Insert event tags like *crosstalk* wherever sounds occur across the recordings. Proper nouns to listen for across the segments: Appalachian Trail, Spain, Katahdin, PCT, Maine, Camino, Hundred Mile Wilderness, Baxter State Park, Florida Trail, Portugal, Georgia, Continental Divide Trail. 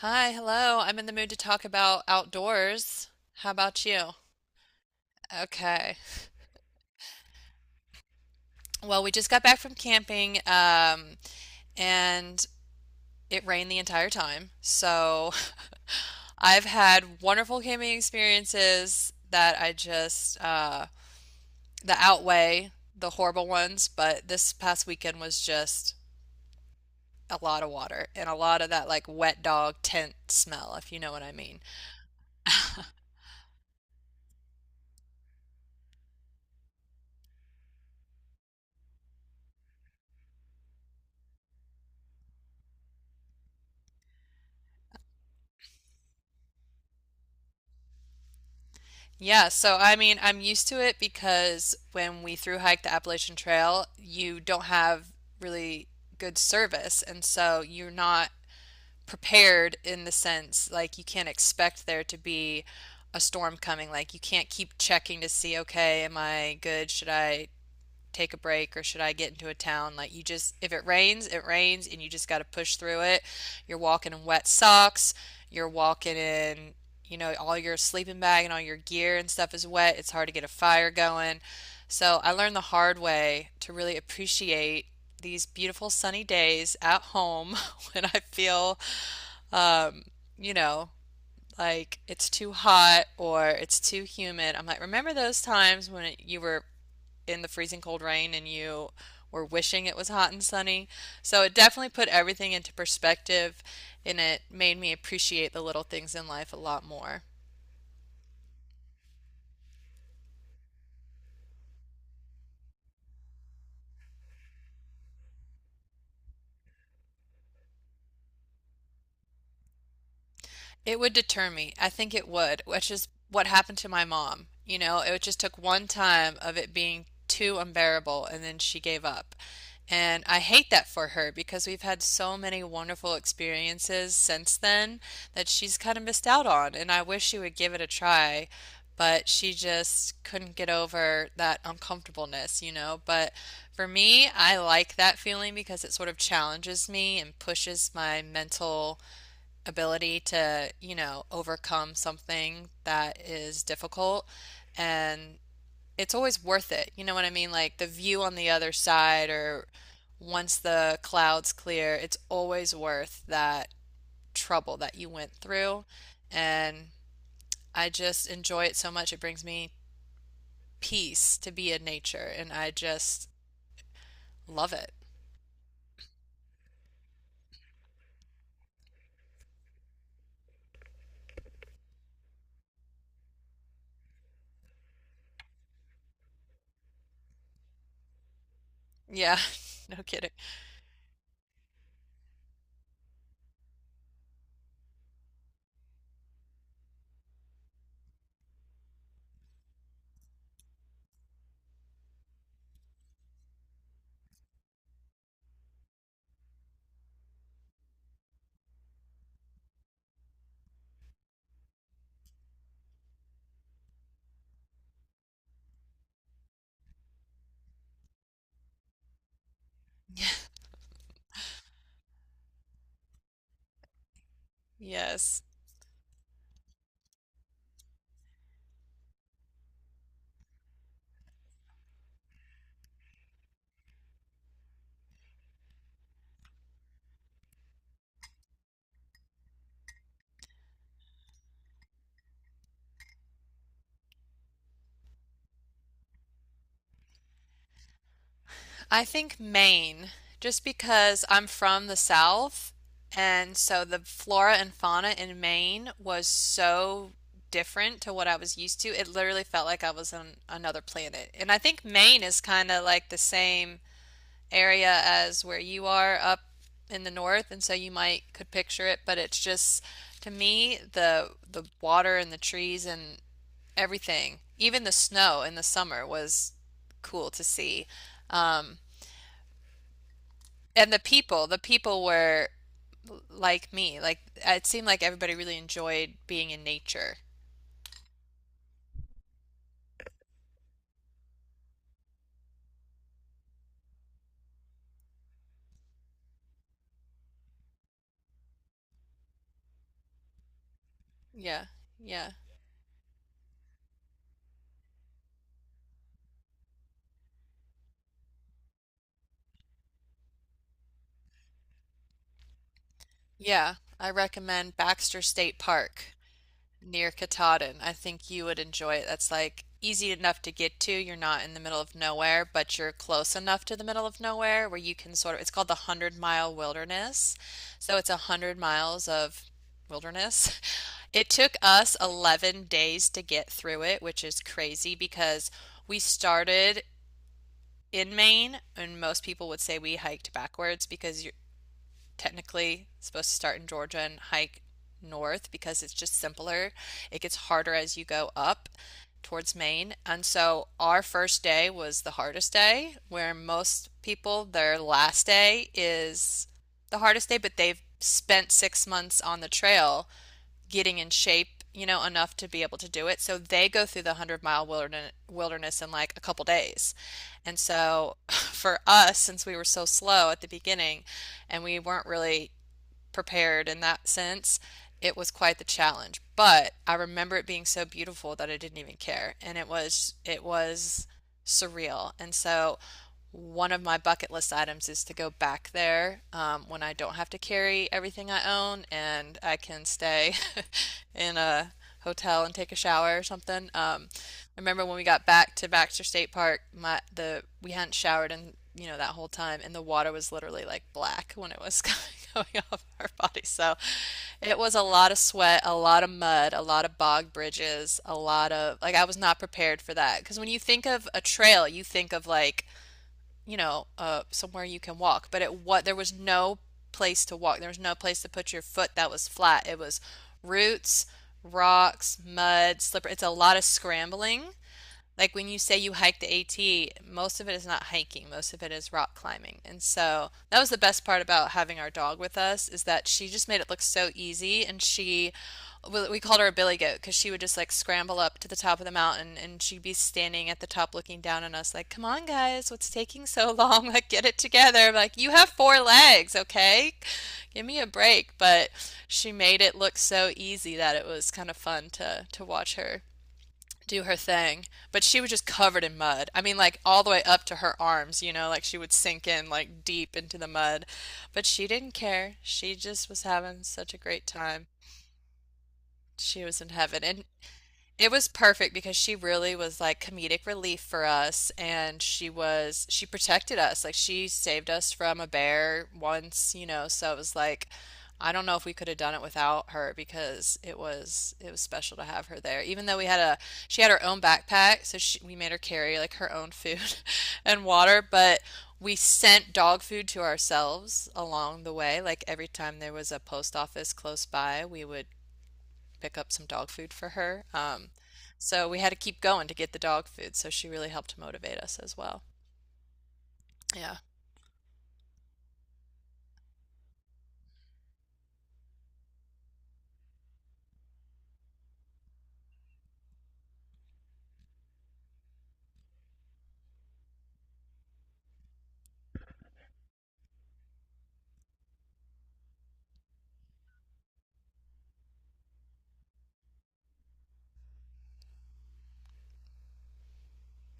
Hi, hello. I'm in the mood to talk about outdoors. How about you? Okay. Well, we just got back from camping, and it rained the entire time. So *laughs* I've had wonderful camping experiences that I just that outweigh the horrible ones. But this past weekend was just a lot of water and a lot of that like wet dog tent smell, if you know what I mean. Yeah, so I mean, I'm used to it because when we through hike the Appalachian Trail, you don't have really good service, and so you're not prepared in the sense like you can't expect there to be a storm coming. Like you can't keep checking to see, okay, am I good? Should I take a break or should I get into a town? Like you just, if it rains, it rains and you just got to push through it. You're walking in wet socks, you're walking in, you know, all your sleeping bag and all your gear and stuff is wet. It's hard to get a fire going. So I learned the hard way to really appreciate these beautiful sunny days at home *laughs* when I feel, um, you know, like it's too hot or it's too humid. I'm like, remember those times when you were in the freezing cold rain and you were wishing it was hot and sunny. So it definitely put everything into perspective and it made me appreciate the little things in life a lot more. It would deter me. I think it would, which is what happened to my mom. You know, it just took one time of it being too unbearable and then she gave up. And I hate that for her because we've had so many wonderful experiences since then that she's kind of missed out on. And I wish she would give it a try, but she just couldn't get over that uncomfortableness, you know. But for me, I like that feeling because it sort of challenges me and pushes my mental ability to, you know, overcome something that is difficult. And it's always worth it. You know what I mean? Like the view on the other side, or once the clouds clear, it's always worth that trouble that you went through. And I just enjoy it so much. It brings me peace to be in nature, and I just love it. Yeah, *laughs* no kidding. Yes. I think Maine, just because I'm from the South, and so the flora and fauna in Maine was so different to what I was used to. It literally felt like I was on another planet. And I think Maine is kind of like the same area as where you are up in the north, and so you might could picture it, but it's just to me the water and the trees and everything, even the snow in the summer was cool to see. Um, and the people were like me. Like it seemed like everybody really enjoyed being in nature. Yeah, yeah, yeah. I recommend Baxter State Park near Katahdin. I think you would enjoy it. That's like easy enough to get to. You're not in the middle of nowhere, but you're close enough to the middle of nowhere where you can sort of, it's called the Hundred Mile Wilderness. So it's a hundred miles of wilderness. *laughs* It took us 11 days to get through it, which is crazy because we started in Maine, and most people would say we hiked backwards because you technically supposed to start in Georgia and hike north because it's just simpler. It gets harder as you go up towards Maine. And so our first day was the hardest day, where most people, their last day is the hardest day, but they've spent 6 months on the trail getting in shape, you know, enough to be able to do it. So they go through the 100 mile wilderness in like a couple days. And so *laughs* for us, since we were so slow at the beginning and we weren't really prepared in that sense, it was quite the challenge. But I remember it being so beautiful that I didn't even care. It was surreal. And so one of my bucket list items is to go back there when I don't have to carry everything I own and I can stay *laughs* in a hotel and take a shower or something. I remember when we got back to Baxter State Park, my the we hadn't showered in you know that whole time, and the water was literally like black when it was *laughs* coming, going off our bodies. So it was a lot of sweat, a lot of mud, a lot of bog bridges, a lot of like I was not prepared for that because when you think of a trail, you think of like, you know, somewhere you can walk, but it what there was no place to walk. There was no place to put your foot that was flat. It was roots, rocks, mud, slippery. It's a lot of scrambling like when you say you hike the AT, most of it is not hiking, most of it is rock climbing. And so that was the best part about having our dog with us is that she just made it look so easy and we called her a billy goat because she would just like scramble up to the top of the mountain and she'd be standing at the top looking down on us like, "Come on guys, what's taking so *laughs* long? Like get it together. Like you have four legs, okay? Give me a break." But she made it look so easy that it was kind of fun to watch her do her thing, but she was just covered in mud. I mean, like all the way up to her arms, you know, like she would sink in like deep into the mud. But she didn't care. She just was having such a great time. She was in heaven. And it was perfect because she really was like comedic relief for us, and she protected us. Like she saved us from a bear once, you know, so it was like I don't know if we could have done it without her because it was special to have her there. Even though we had a she had her own backpack, so we made her carry like her own food *laughs* and water, but we sent dog food to ourselves along the way. Like every time there was a post office close by, we would pick up some dog food for her. So we had to keep going to get the dog food. So she really helped motivate us as well. Yeah,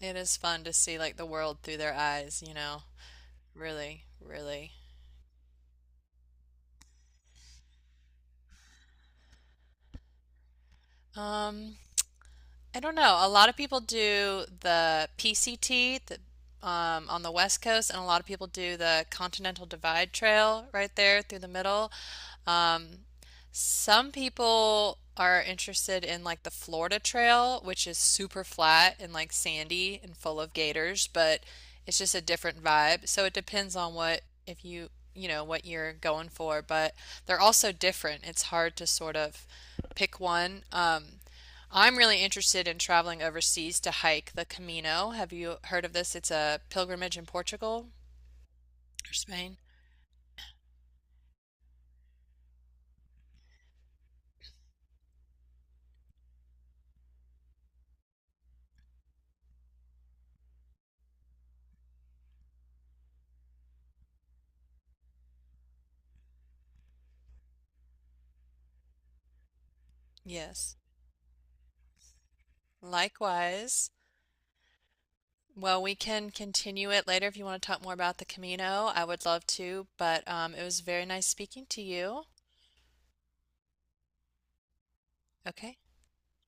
it is fun to see like the world through their eyes, you know. Really, really. Um, I don't know. A lot of people do the PCT, on the West Coast, and a lot of people do the Continental Divide Trail right there through the middle. Um, some people are interested in like the Florida Trail, which is super flat and like sandy and full of gators, but it's just a different vibe. So it depends on if you, you know, what you're going for, but they're also different. It's hard to sort of pick one. I'm really interested in traveling overseas to hike the Camino. Have you heard of this? It's a pilgrimage in Portugal or Spain. Yes. Likewise. Well, we can continue it later if you want to talk more about the Camino. I would love to, but it was very nice speaking to you. Okay.